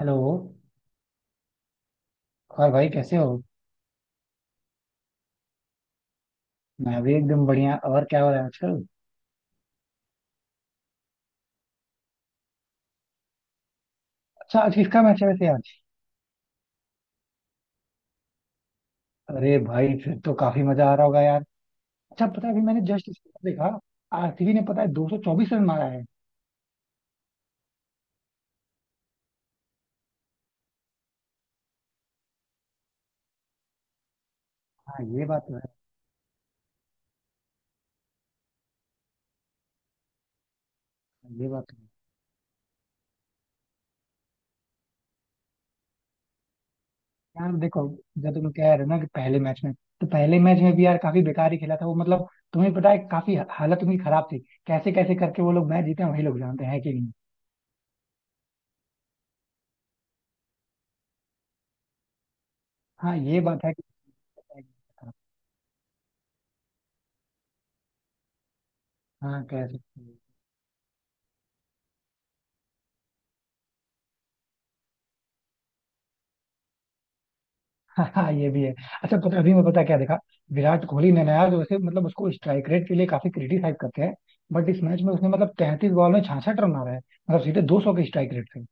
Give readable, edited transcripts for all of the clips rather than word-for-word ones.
Hello. और भाई कैसे हो? मैं भी एकदम बढ़िया। और क्या हो रहा है आजकल? अच्छा, आज किसका मैच है वैसे आज? अरे भाई, फिर तो काफी मजा आ रहा होगा यार। अच्छा पता है, अभी मैंने जस्ट स्कोर देखा। आरसीबी ने पता है 224 रन मारा है। हाँ ये बात तो है। ये बात तो है। यार देखो, जो तुम कह रहे हो ना कि पहले मैच में, तो पहले मैच में भी यार काफी बेकार ही खेला था वो, मतलब तुम्हें पता है काफी हालत उनकी खराब थी। कैसे कैसे करके वो लोग मैच जीते हैं वही लोग जानते हैं, कि नहीं? हाँ ये बात है कि। हाँ, कह सकते हैं। हाँ हाँ, ये भी है। अच्छा पता, अभी मैं पता क्या देखा, विराट कोहली ने नया जो उसे मतलब उसको स्ट्राइक रेट के लिए काफी क्रिटिसाइज करते हैं। बट इस मैच में उसने मतलब 33 बॉल में 66 रन मारा है, मतलब सीधे 200 के स्ट्राइक रेट से।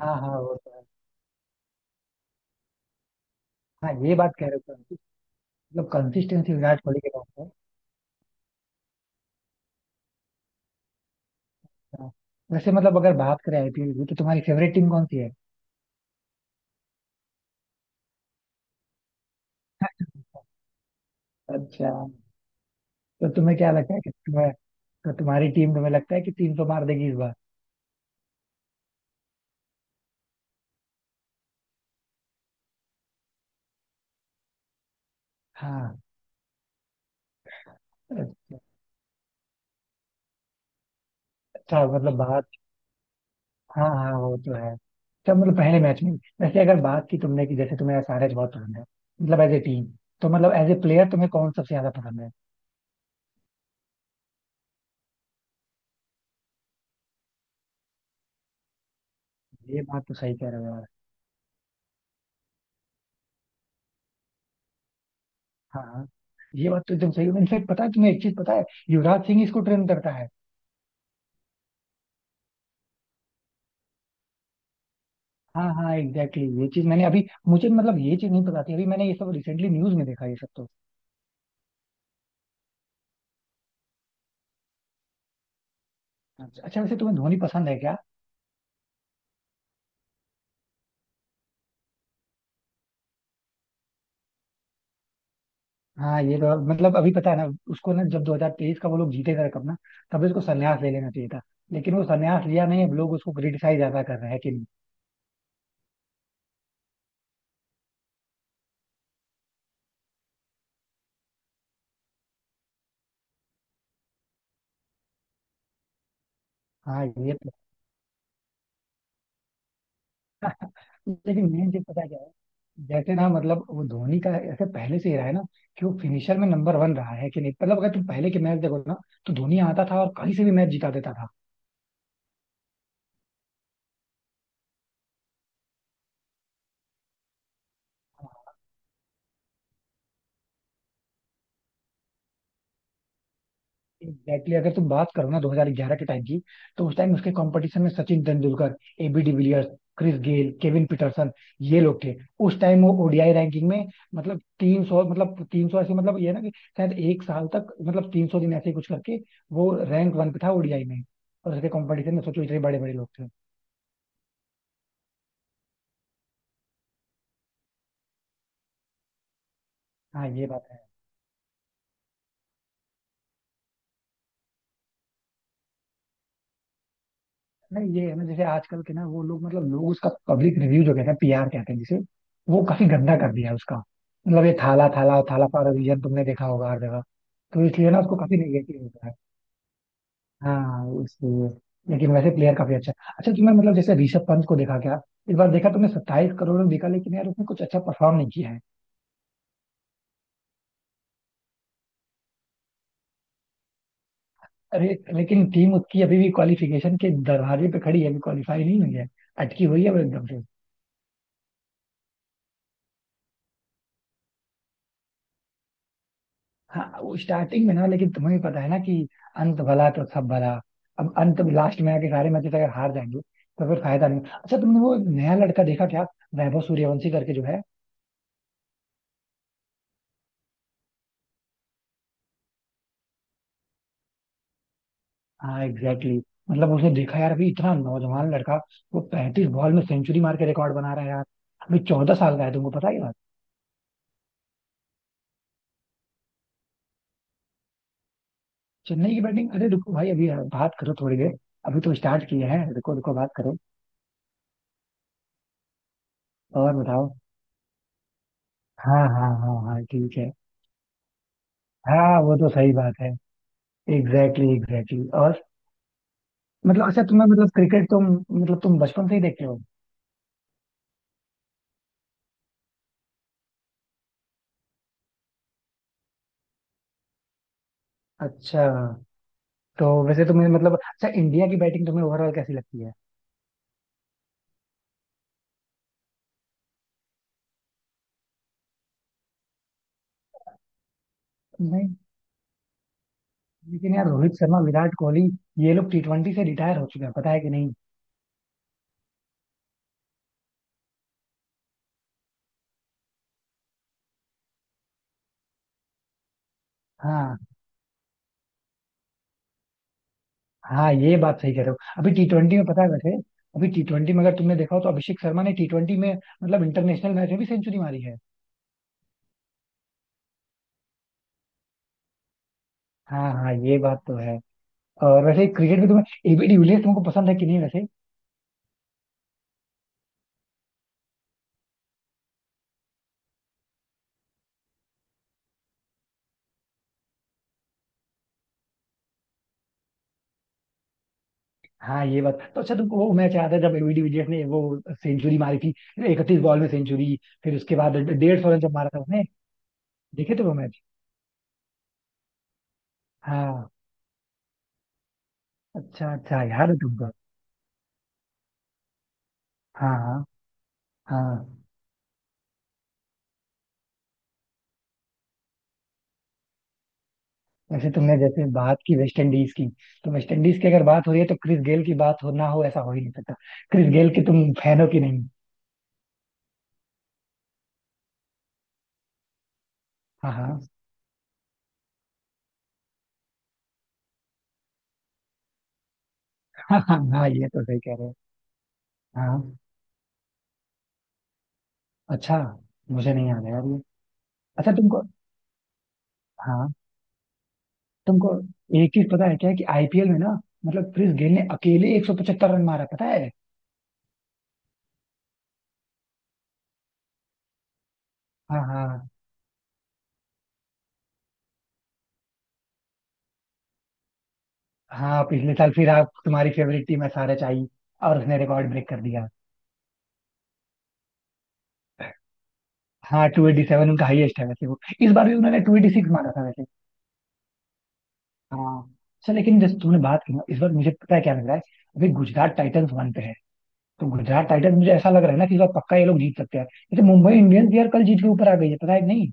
हाँ हाँ, वो तो है। हाँ ये बात कह रहे हो तुम। मतलब कंसिस्टेंसी विराट कोहली के पास है। हाँ। वैसे मतलब अगर बात करें आईपीएल की तो तुम्हारी फेवरेट टीम कौन सी है? अच्छा। तो तुम्हें क्या लगता है कि तुम्हें, तो तुम्हारी टीम तुम्हें लगता है कि 300 मार देगी इस बार? हाँ। अच्छा। अच्छा, मतलब बात। हाँ हाँ, वो तो है। सब मतलब पहले मैच में, वैसे अगर बात की तुमने कि जैसे तुम्हें एसआरएच बहुत पसंद है, मतलब एज ए टीम, तो मतलब एज ए प्लेयर तुम्हें कौन सबसे ज्यादा पसंद है? ये बात तो सही कह रहे हो यार। हाँ हाँ, ये बात तो एकदम सही। इनफेक्ट पता है तुम्हें एक चीज पता है, युवराज सिंह इसको ट्रेन करता है। हाँ हाँ, एग्जैक्टली exactly। ये चीज मैंने अभी, मुझे मतलब ये चीज नहीं पता थी, अभी मैंने ये सब रिसेंटली न्यूज में देखा ये सब तो। अच्छा वैसे तुम्हें धोनी पसंद है क्या? हाँ ये तो मतलब, अभी पता है ना, उसको ना जब 2023 का वो लोग जीते थे कप ना, तभी उसको संन्यास ले लेना चाहिए था। लेकिन वो संन्यास लिया नहीं, अब लोग उसको क्रिटिसाइज ज्यादा कर रहे हैं, कि नहीं? हाँ ये तो। लेकिन मेन चीज पता है क्या है, जैसे ना मतलब वो धोनी का ऐसे पहले से ही रहा है ना कि वो फिनिशर में नंबर वन रहा है, कि नहीं? मतलब अगर तुम पहले के मैच देखो ना, तो धोनी आता था और कहीं से भी मैच जिता देता था। एग्जैक्टली, अगर तुम बात करो ना 2011 के टाइम की, तो उस टाइम उसके कंपटीशन में Sachin Tendulkar, AB de Villiers, Chris Gayle, Kevin Pietersen, ये लोग थे। उस टाइम वो ओडीआई रैंकिंग में, मतलब 300 ऐसे मतलब, ये है ना कि शायद एक साल तक मतलब 300 दिन ऐसे ही कुछ करके वो रैंक वन पे था ओडीआई में। और उसके कंपटीशन में सोचो इतने बड़े बड़े लोग थे। हाँ ये बात। नहीं ये है ना, जैसे आजकल के ना वो लोग मतलब लोग, उसका पब्लिक रिव्यू जो कहते हैं पीआर कहते हैं जिसे, वो काफी गंदा कर दिया है उसका। मतलब ये Thala Thala Thala for a reason, तुमने देखा होगा हर जगह। तो इसलिए ना उसको काफी नेगेटिव होता है। हाँ इसलिए। लेकिन वैसे प्लेयर काफी अच्छा है। अच्छा तुमने मतलब जैसे ऋषभ पंत को देखा क्या? इस बार देखा तुमने, 27 करोड़ में बिका, लेकिन यार उसने कुछ अच्छा परफॉर्म नहीं किया है। अरे लेकिन टीम उसकी अभी भी क्वालिफिकेशन के दरवाजे पे खड़ी है, अभी क्वालिफाई नहीं हुई है। अटकी हुई है वो एकदम से। हाँ वो स्टार्टिंग में ना, लेकिन तुम्हें भी पता है ना कि अंत भला तो सब भला। अब अंत लास्ट में आके सारे मैचेस अगर हार जाएंगे, तो फिर फायदा नहीं। अच्छा तुमने वो नया लड़का देखा क्या, वैभव सूर्यवंशी करके जो है? हाँ एग्जैक्टली exactly। मतलब उसने देखा यार, अभी इतना नौजवान लड़का, वो 35 बॉल में सेंचुरी मार के रिकॉर्ड बना रहा है यार। अभी 14 साल का है, तुमको पता ही बात। चेन्नई की बैटिंग? अरे रुको भाई, अभी बात करो थोड़ी देर। अभी तो स्टार्ट किया है, रुको रुको, बात करो। और बताओ। हाँ हाँ हाँ हाँ, ठीक है। हाँ वो तो सही बात है। Exactly exactly, exactly exactly। और मतलब, अच्छा तुम्हें मतलब क्रिकेट तुम, मतलब तुम बचपन से ही देखते हो? अच्छा। तो वैसे तुम्हें मतलब, अच्छा इंडिया की बैटिंग तुम्हें ओवरऑल कैसी लगती है? नहीं लेकिन यार रोहित शर्मा, विराट कोहली, ये लोग टी ट्वेंटी से रिटायर हो चुके हैं, पता है कि नहीं? हाँ हाँ ये बात सही कह रहे हो। अभी टी ट्वेंटी में पता है वैसे, अभी टी ट्वेंटी में अगर तुमने देखा हो, तो अभिषेक शर्मा ने टी ट्वेंटी में मतलब इंटरनेशनल मैच में भी सेंचुरी मारी है। हाँ हाँ, ये बात तो है। और वैसे क्रिकेट में तुम्हें एबी डिविलियर्स तुमको पसंद है कि नहीं वैसे? हाँ ये बात तो। अच्छा तुमको वो मैच याद है, जब एबी डिविलियर्स ने वो सेंचुरी मारी थी 31 बॉल में सेंचुररी? फिर उसके बाद 150 रन जब मारा था उसने, देखे थे वो मैच? हाँ अच्छा अच्छा, याद है तुमको। हाँ हाँ हाँ। वैसे तुमने जैसे बात की वेस्ट इंडीज की, तो वेस्ट इंडीज की अगर बात हो रही है तो क्रिस गेल की बात हो ना हो, ऐसा हो ही नहीं सकता। क्रिस गेल के तुम फैन हो, कि नहीं? हाँ हाँ। हाँ हाँ हाँ, ये तो सही कह रहे हो। हाँ। अच्छा, मुझे नहीं याद है यार ये। अच्छा तुमको। हाँ तुमको एक चीज पता है क्या, कि आईपीएल में ना, मतलब क्रिस गेल ने अकेले 175 रन मारा पता है? हाँ हाँ हाँ, पिछले साल। फिर आप तुम्हारी फेवरेट टीम है सारे आई, और उसने रिकॉर्ड ब्रेक कर दिया। हाँ 287 उनका हाईएस्ट है वैसे। वो इस बार भी उन्होंने 286 मारा था वैसे। हाँ। अच्छा लेकिन जैसे तुमने बात की ना, इस बार मुझे पता है क्या लग रहा है, अभी गुजरात टाइटंस वन पे है। तो गुजरात टाइटंस मुझे ऐसा लग रहा है ना, कि इस बार पक्का ये लोग जीत सकते हैं। जैसे मुंबई इंडियंस यार कल जीत के ऊपर आ गई है, पता है कि नहीं?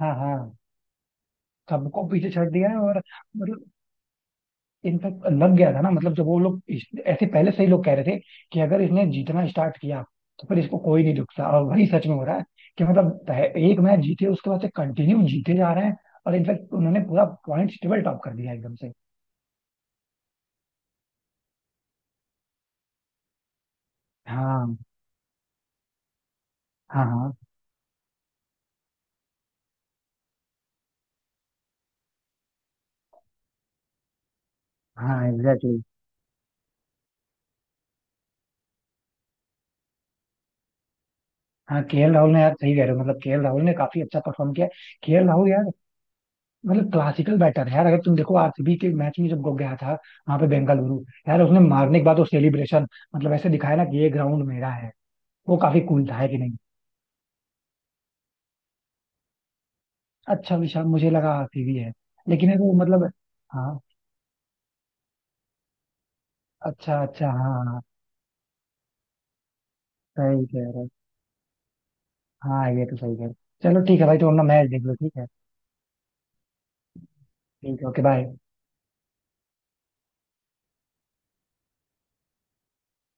हाँ हाँ। सबको पीछे छोड़ दिया है। और मतलब, इनफैक्ट लग गया था ना, मतलब जब वो लोग ऐसे पहले से ही लोग कह रहे थे कि अगर इसने जीतना स्टार्ट किया तो फिर इसको कोई नहीं रुक सकता, और वही सच में हो रहा है। कि मतलब पह- एक मैच जीते, उसके बाद से कंटिन्यू जीते जा रहे हैं। और इनफैक्ट उन्होंने पूरा पॉइंट टेबल टॉप कर दिया एकदम से। हाँ हाँ हाँ हाँ एग्जैक्टली। हाँ केएल राहुल ने यार, सही कह रहे हो, मतलब केएल राहुल ने काफी अच्छा परफॉर्म किया। केएल राहुल यार, मतलब क्लासिकल बैटर है यार। अगर तुम देखो आरसीबी के मैच में, जब वो गया था वहां पे बेंगलुरु, यार उसने मारने के बाद वो सेलिब्रेशन, मतलब ऐसे दिखाया ना कि ये ग्राउंड मेरा है। वो काफी कूल था, है कि नहीं? अच्छा विशाल, मुझे लगा सीवी है। लेकिन है वो मतलब। हाँ अच्छा अच्छा, हाँ हाँ, सही कह रहे हो। हाँ ये तो सही कह रहे हो। चलो ठीक है भाई, तुम अपना मैच देख लो, ठीक है। ठीक है, ओके बाय।